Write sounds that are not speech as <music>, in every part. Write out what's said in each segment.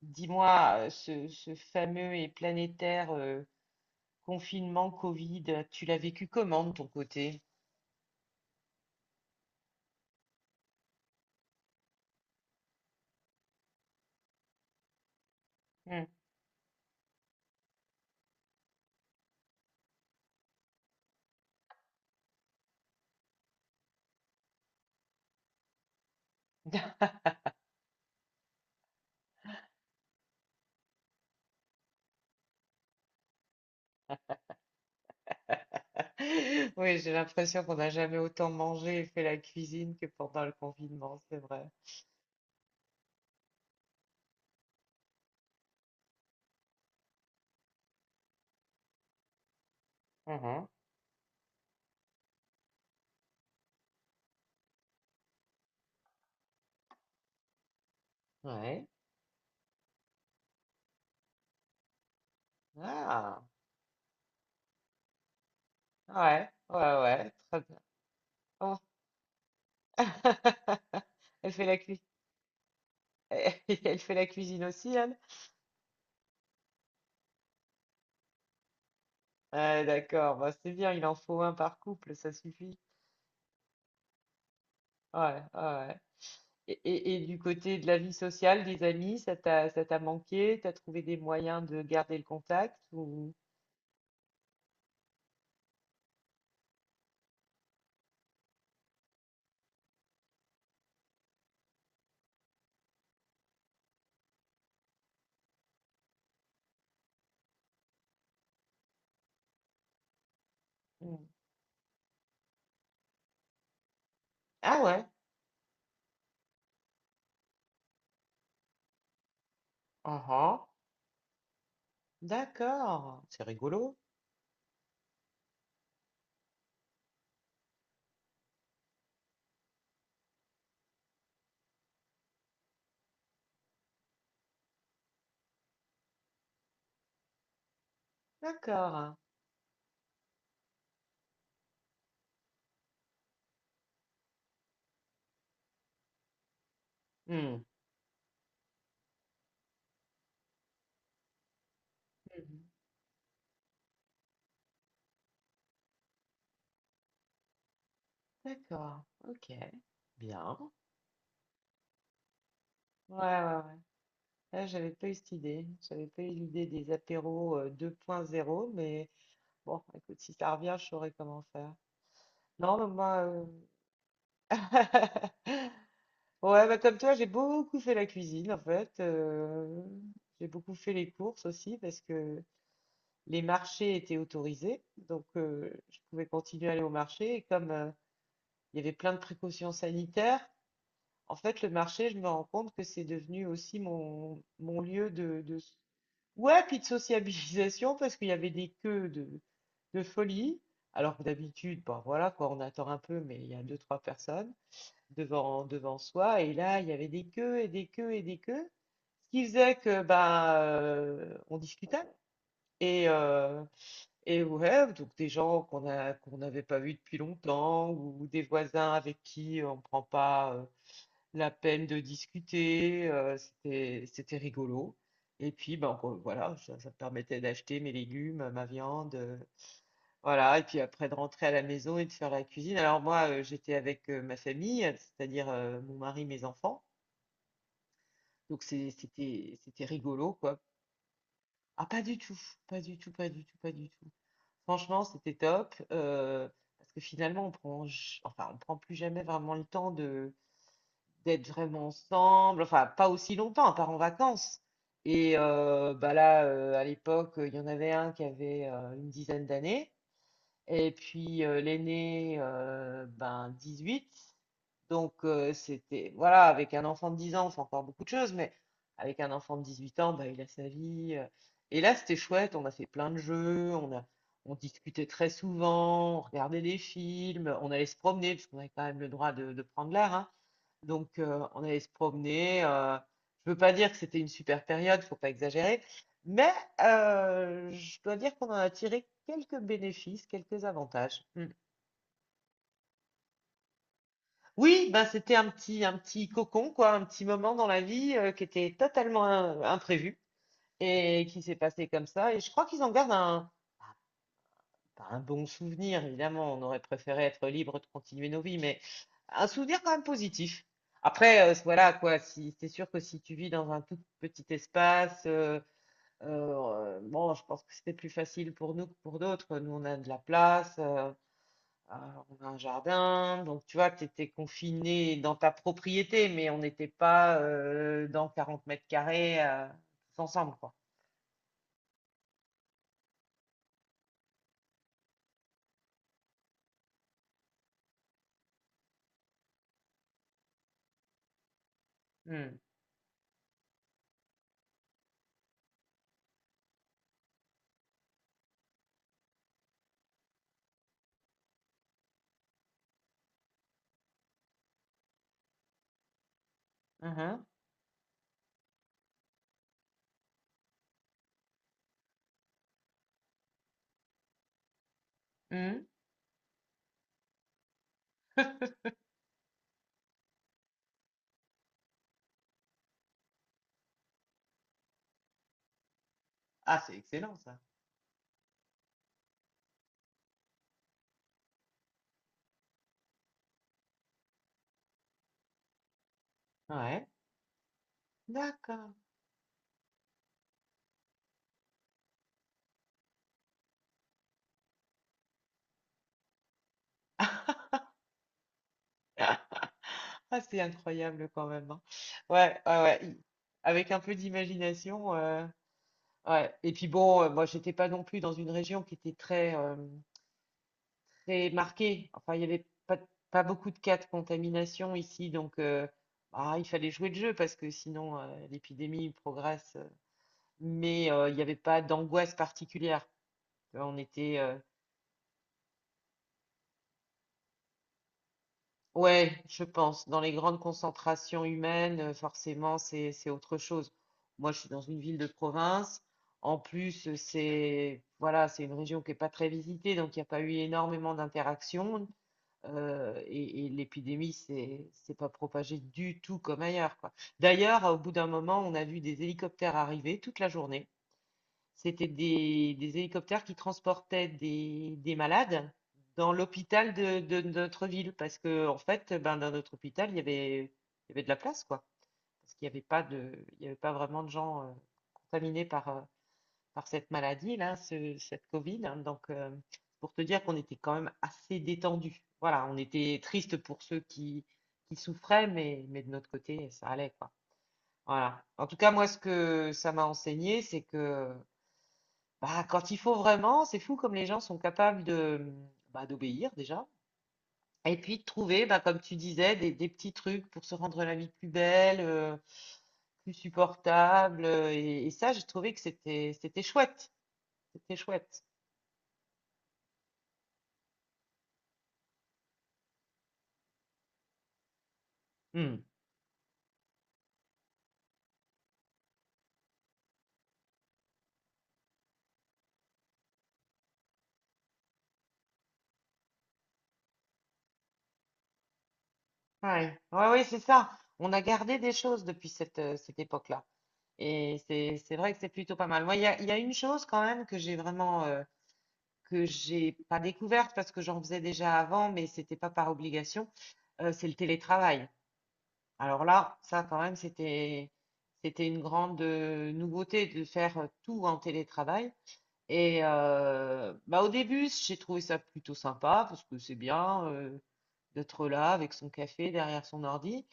Dis-moi, ce fameux et planétaire confinement Covid, tu l'as vécu comment de ton côté? Hmm. <laughs> Oui, j'ai l'impression qu'on n'a jamais autant mangé et fait la cuisine que pendant le confinement, c'est vrai. Mhm. Ouais. Ah, ouais, ouais, ouais, très bien. Oh. <laughs> Elle fait la cuisine. <laughs> Elle fait la cuisine aussi, elle? Ouais, d'accord, bah, c'est bien, il en faut un par couple, ça suffit. Ouais, ouais, ouais. Et du côté de la vie sociale, des amis, ça t'a manqué? T'as trouvé des moyens de garder le contact ou... Ah ouais, uhum. D'accord, c'est rigolo. D'accord. Hmm. Mhm. D'accord, ok, bien. Ouais, ouais, ouais. Là, j'avais pas eu cette idée. J'avais pas eu l'idée des apéros 2.0, mais bon, écoute, si ça revient, je saurai comment faire. Non, mais moi, euh, <laughs> Ouais, bah comme toi, j'ai beaucoup fait la cuisine en fait. J'ai beaucoup fait les courses aussi parce que les marchés étaient autorisés. Donc, je pouvais continuer à aller au marché. Et comme il y avait plein de précautions sanitaires, en fait, le marché, je me rends compte que c'est devenu aussi mon lieu de... Ouais, puis de sociabilisation parce qu'il y avait des queues de folie. Alors que d'habitude, bon, voilà, quoi, on attend un peu, mais il y a deux, trois personnes devant soi. Et là, il y avait des queues et des queues et des queues. Ce qui faisait que bah, on discutait. Et, euh, et ouais, donc des gens qu'on n'avait pas vus depuis longtemps, ou des voisins avec qui on ne prend pas la peine de discuter, c'était rigolo. Et puis, ben, voilà, ça me permettait d'acheter mes légumes, ma viande, voilà, et puis après de rentrer à la maison et de faire la cuisine. Alors moi, j'étais avec ma famille, c'est-à-dire mon mari, mes enfants. Donc c'était rigolo quoi. Ah pas du tout, pas du tout, pas du tout, pas du tout. Franchement, c'était top parce que finalement enfin on prend plus jamais vraiment le temps de d'être vraiment ensemble. Enfin pas aussi longtemps, à part en vacances. Et bah là, à l'époque, il y en avait un qui avait une dizaine d'années. Et puis l'aîné, ben 18. Donc c'était, voilà, avec un enfant de 10 ans, c'est encore beaucoup de choses, mais avec un enfant de 18 ans, ben il a sa vie. Et là, c'était chouette, on a fait plein de jeux, on discutait très souvent, on regardait des films, on allait se promener, puisqu'on avait quand même le droit de prendre l'air, hein. Donc, on allait se promener. Je veux pas dire que c'était une super période, faut pas exagérer, mais je dois dire qu'on en a tiré quelques bénéfices, quelques avantages. Mm. Oui, ben c'était un petit cocon, quoi, un petit moment dans la vie qui était totalement imprévu et qui s'est passé comme ça. Et je crois qu'ils en gardent un, pas un bon souvenir, évidemment, on aurait préféré être libre de continuer nos vies, mais un souvenir quand même positif. Après, voilà quoi, si, c'est sûr que si tu vis dans un tout petit espace, bon, je pense que c'était plus facile pour nous que pour d'autres. Nous, on a de la place, euh, on a un jardin, donc tu vois, tu étais confiné dans ta propriété, mais on n'était pas dans 40 m² tous ensemble, quoi. Hmm. Mhm. Mhm. Ah, c'est excellent ça. Ouais, d'accord. Ah, c'est incroyable quand même, hein. Ouais, ouais, ouais. Avec un peu d'imagination. Ouais. Et puis bon, moi, j'étais pas non plus dans une région qui était très marquée. Enfin, il y avait pas beaucoup de cas de contamination ici, donc ah, il fallait jouer le jeu parce que sinon l'épidémie progresse. Mais il n'y avait pas d'angoisse particulière. Tu vois, on était, Ouais, je pense. Dans les grandes concentrations humaines, forcément, c'est autre chose. Moi, je suis dans une ville de province. En plus, c'est voilà, c'est une région qui est pas très visitée, donc il n'y a pas eu énormément d'interactions. Et l'épidémie, c'est pas propagée du tout comme ailleurs, quoi. D'ailleurs, au bout d'un moment, on a vu des hélicoptères arriver toute la journée. C'était des hélicoptères qui transportaient des malades dans l'hôpital de notre ville. Parce que, en fait, ben, dans notre hôpital, il y avait de la place, quoi. Parce qu'il n'y avait pas de, il y avait pas vraiment de gens contaminés par cette maladie, là, cette Covid, hein. Donc, pour te dire qu'on était quand même assez détendu. Voilà, on était triste pour ceux qui souffraient, mais de notre côté, ça allait, quoi. Voilà. En tout cas, moi, ce que ça m'a enseigné, c'est que bah, quand il faut vraiment, c'est fou comme les gens sont capables de, bah, d'obéir déjà. Et puis de trouver, bah, comme tu disais, des petits trucs pour se rendre la vie plus belle, plus supportable. Et ça, j'ai trouvé que c'était chouette. C'était chouette. Hmm. Ouais, ouais, ouais, c'est ça. On a gardé des choses depuis cette époque-là. Et c'est vrai que c'est plutôt pas mal. Moi, il y a une chose quand même que j'ai pas découverte parce que j'en faisais déjà avant, mais c'était pas par obligation, c'est le télétravail. Alors là, ça quand même, c'était une grande nouveauté de faire tout en télétravail. Et bah, au début, j'ai trouvé ça plutôt sympa parce que c'est bien d'être là avec son café derrière son ordi.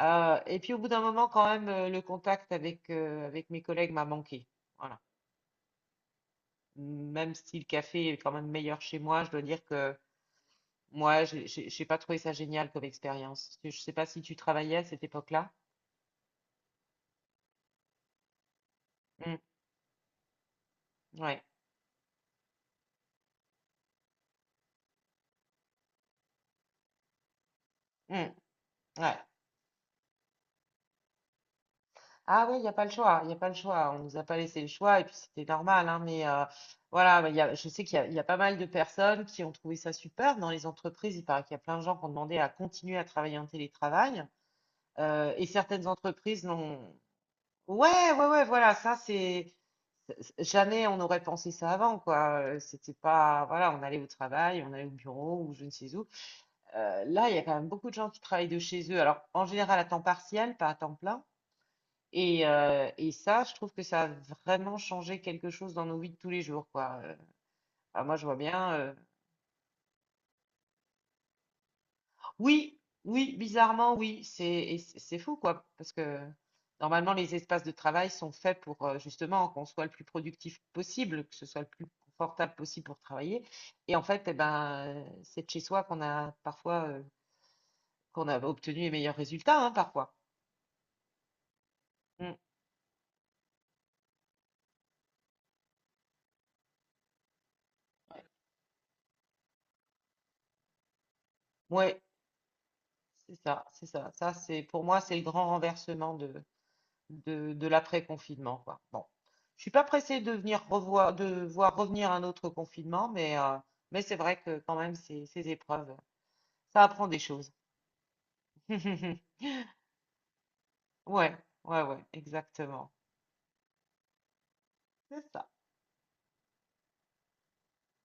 Et puis au bout d'un moment, quand même, le contact avec mes collègues m'a manqué. Voilà. Même si le café est quand même meilleur chez moi, je dois dire que moi, j'ai pas trouvé ça génial comme expérience. Je sais pas si tu travaillais à cette époque-là. Mm, ouais. Mm, ouais. Ah oui, il n'y a pas le choix, il n'y a pas le choix. On nous a pas laissé le choix et puis c'était normal, hein, mais voilà, mais je sais qu'il y a pas mal de personnes qui ont trouvé ça super dans les entreprises. Il paraît qu'il y a plein de gens qui ont demandé à continuer à travailler en télétravail et certaines entreprises n'ont... Ouais, ouais, ouais, voilà, ça c'est... Jamais on aurait pensé ça avant, quoi. C'était pas, voilà, on allait au travail, on allait au bureau ou je ne sais où. Là, il y a quand même beaucoup de gens qui travaillent de chez eux. Alors, en général, à temps partiel, pas à temps plein. Et ça, je trouve que ça a vraiment changé quelque chose dans nos vies de tous les jours, quoi. Moi, je vois bien. Oui, oui, bizarrement, oui. C'est et c'est c'est fou, quoi. Parce que normalement, les espaces de travail sont faits pour justement qu'on soit le plus productif possible, que ce soit le plus confortable possible pour travailler. Et en fait, eh ben, c'est de chez soi qu'on a obtenu les meilleurs résultats, hein, parfois. Mm. Ouais, c'est ça, c'est ça. Ça, c'est pour moi, c'est le grand renversement de l'après-confinement, quoi. Bon, je suis pas pressée de voir revenir un autre confinement, mais c'est vrai que quand même, ces épreuves, ça apprend des choses. <laughs> Ouais, ouais, ouais, exactement. C'est ça.